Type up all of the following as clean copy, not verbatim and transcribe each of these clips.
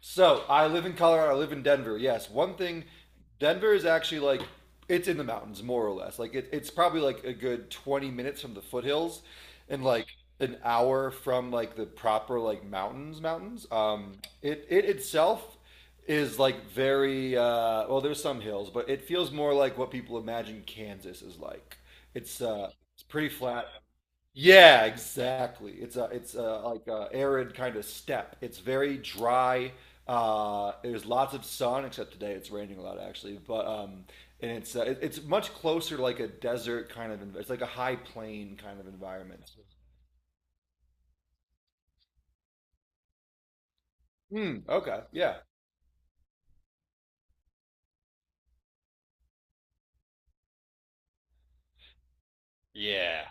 So I live in Colorado. I live in Denver. Yes, one thing, Denver is actually like it's in the mountains more or less. Like it's probably like a good 20 minutes from the foothills, and like an hour from like the proper like mountains. It itself is like very well. There's some hills, but it feels more like what people imagine Kansas is like. It's pretty flat. Yeah, exactly. It's a like a arid kind of steppe. It's very dry. There's lots of sun, except today it's raining a lot actually. But and it's it's much closer to like a desert kind of. It's like a high plain kind of environment. Hmm. Okay. Yeah. Yeah.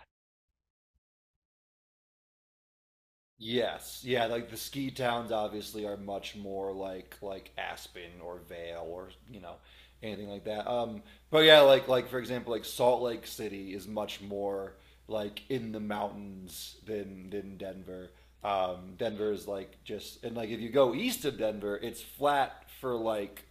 Yes, yeah, like the ski towns obviously are much more like Aspen or Vale or anything like that. But yeah, like for example, like Salt Lake City is much more like in the mountains than Denver. Denver is like just and like if you go east of Denver, it's flat for like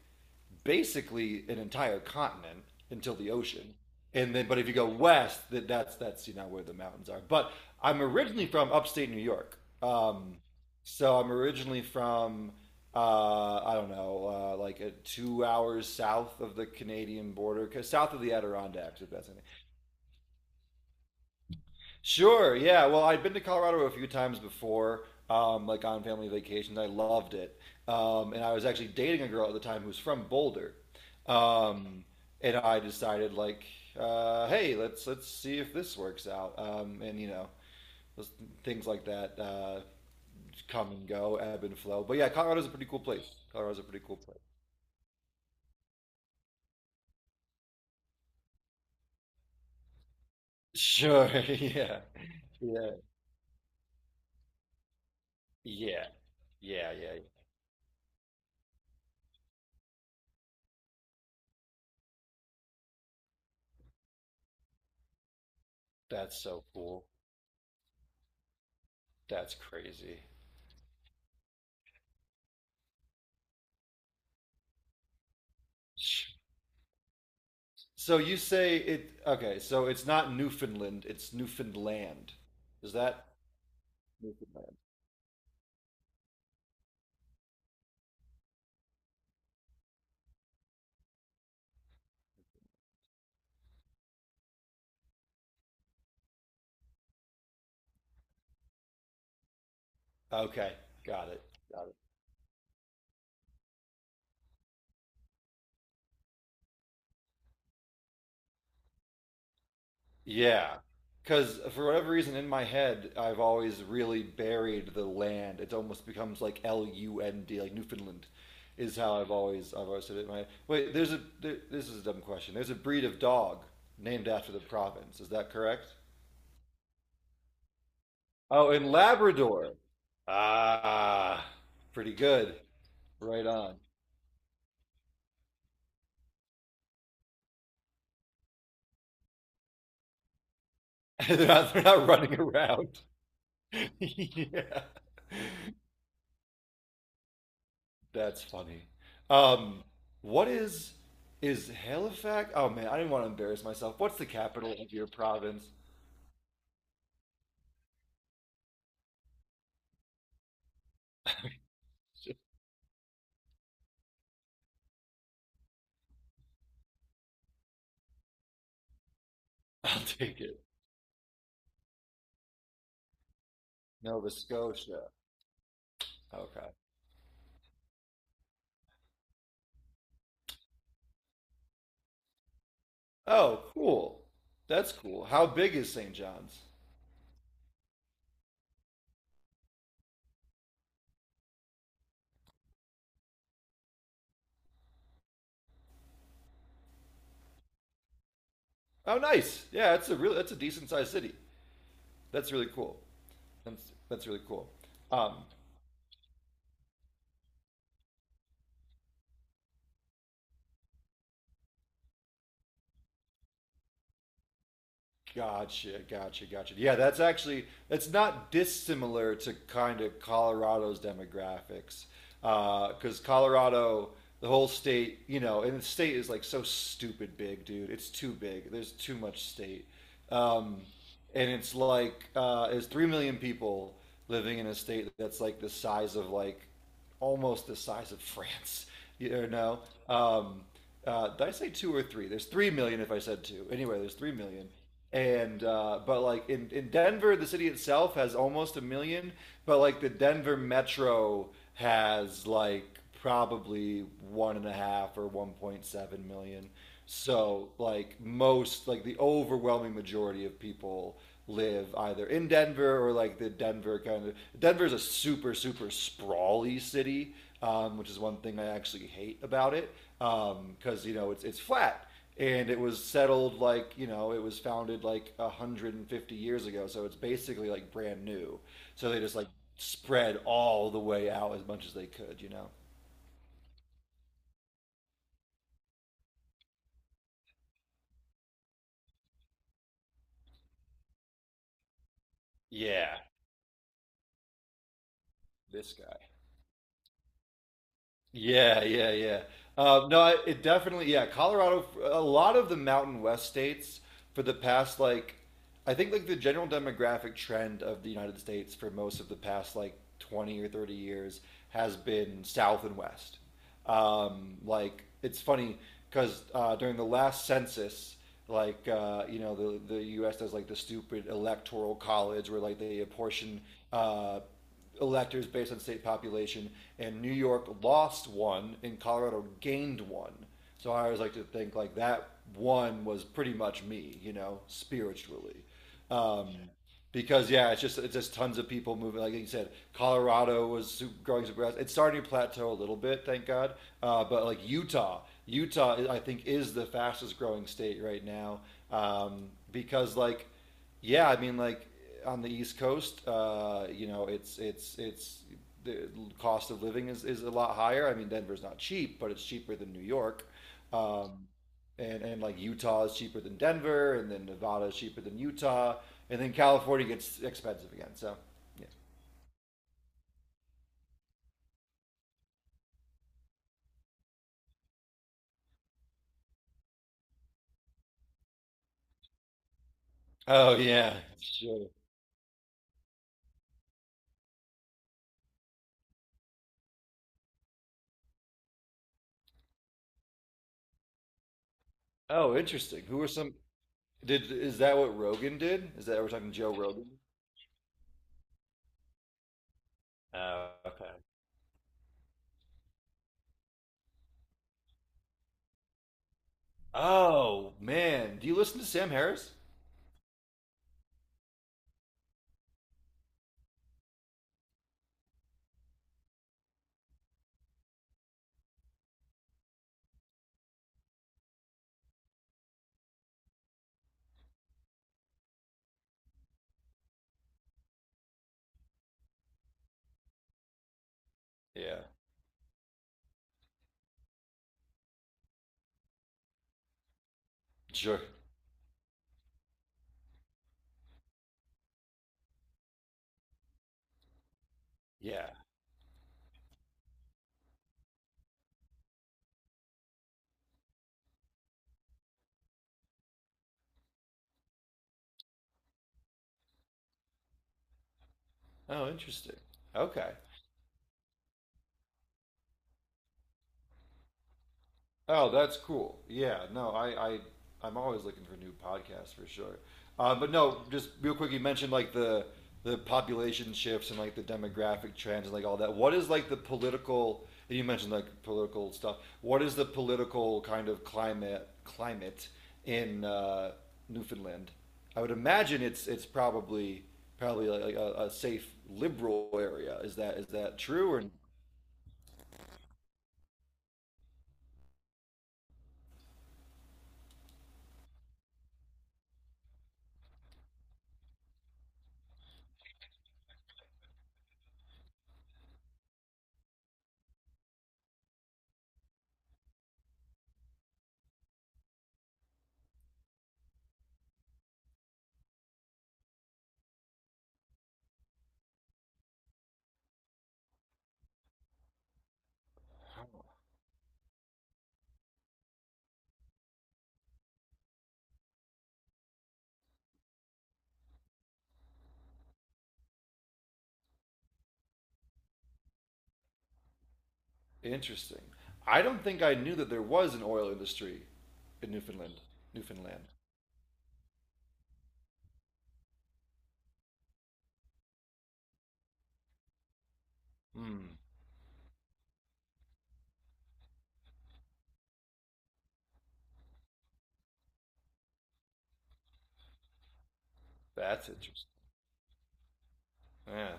basically an entire continent until the ocean. And then, but if you go west, that's where the mountains are. But I'm originally from upstate New York, um, so I'm originally from I don't know, like a 2 hours south of the Canadian border, 'cause south of the Adirondacks, if that's any. Sure. Yeah. Well, I'd been to Colorado a few times before, like on family vacations. I loved it. And I was actually dating a girl at the time who was from Boulder. Um, and I decided like, hey, let's see if this works out. And those things like that come and go, ebb and flow. But yeah, Colorado's a pretty cool place. Colorado's a pretty cool place. Sure. Yeah. Yeah. Yeah. Yeah. Yeah. That's so cool. That's crazy. So you say it. Okay, so it's not Newfoundland. It's Newfoundland. Is that Newfoundland? Okay, got it. Got it. Yeah, because for whatever reason in my head, I've always really buried the land. It almost becomes like Lund, like Newfoundland, is how I've always said it in my head. Wait, this is a dumb question. There's a breed of dog named after the province. Is that correct? Oh, in Labrador. Ah, pretty good. Right on. They're not running around. Yeah. That's funny. Um, what is Halifax? Oh man, I didn't want to embarrass myself. What's the capital of your province? I'll take it. Nova Scotia. Okay. Oh, cool. That's cool. How big is St. John's? Oh, nice. Yeah, it's a really that's a decent sized city. That's really cool. That's that's really cool. Um, Gotcha, gotcha, gotcha. Yeah, that's not dissimilar to kind of Colorado's demographics, because Colorado, the whole state, you know, and the state is like so stupid big, dude. It's too big. There's too much state, um, and it's like there's 3 million people living in a state that's like the size of like almost the size of France. You know, um, did I say two or three? There's 3 million if I said two. Anyway, there's 3 million and but like in Denver, the city itself has almost a million, but like the Denver metro has like probably 1.5 or 1.7 million. So like most, like the overwhelming majority of people, live either in Denver or like the Denver kind of, Denver's a super sprawly city, which is one thing I actually hate about it, because it's flat, and it was settled, like it was founded like 150 years ago, so it's basically like brand new, so they just like spread all the way out as much as they could. Yeah. This guy. Yeah, yeah, yeah. No, it definitely, yeah. Colorado, a lot of the Mountain West states for the past, like, I think, like, the general demographic trend of the United States for most of the past, like, 20 or 30 years has been South and West. Like, it's funny because during the last census, like, the U.S. does, like, the stupid electoral college where, like, they apportion, uh, electors based on state population, and New York lost one, and Colorado gained one. So I always like to think like that one was pretty much me, spiritually. Um, because yeah, it's just tons of people moving. Like you said, Colorado was growing super fast. It's starting to plateau a little bit, thank God. But like Utah I think is the fastest growing state right now, because like yeah, I mean like on the East Coast, it's the cost of living is a lot higher. I mean Denver's not cheap, but it's cheaper than New York. Um, and like Utah is cheaper than Denver, and then Nevada is cheaper than Utah, and then California gets expensive again. So, yeah. Oh yeah, sure. Oh, interesting. Who are some? Did is that what Rogan did? Is that we're talking Joe Rogan? Oh, okay. Oh man, do you listen to Sam Harris? Yeah. Sure. Yeah. Oh, interesting. Okay. Oh, that's cool. Yeah, no, I'm always looking for new podcasts for sure. But no, just real quick, you mentioned like the population shifts and like the demographic trends and like all that. What is like the political? And you mentioned like political stuff. What is the political kind of climate in Newfoundland? I would imagine it's probably like a safe liberal area. Is that true or? Interesting. I don't think I knew that there was an oil industry in Newfoundland. That's interesting. Yeah.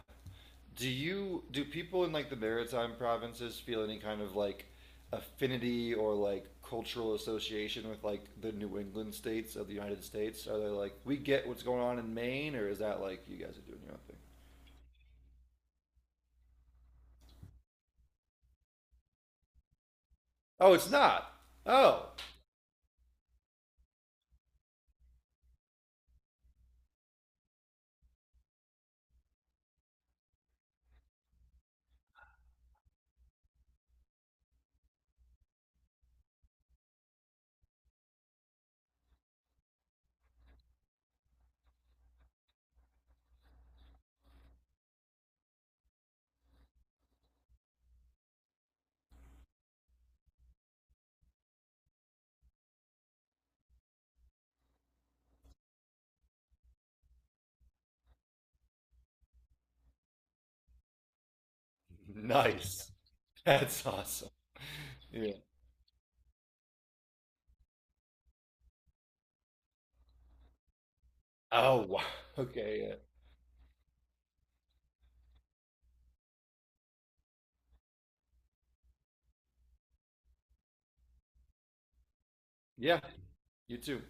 Do people in like the maritime provinces feel any kind of like affinity or like cultural association with like the New England states of the United States? Are they like we get what's going on in Maine, or is that like you guys are doing your own thing? Oh, it's not. Oh, nice. That's awesome. Yeah. Oh, wow. Okay. Yeah. Yeah. You too.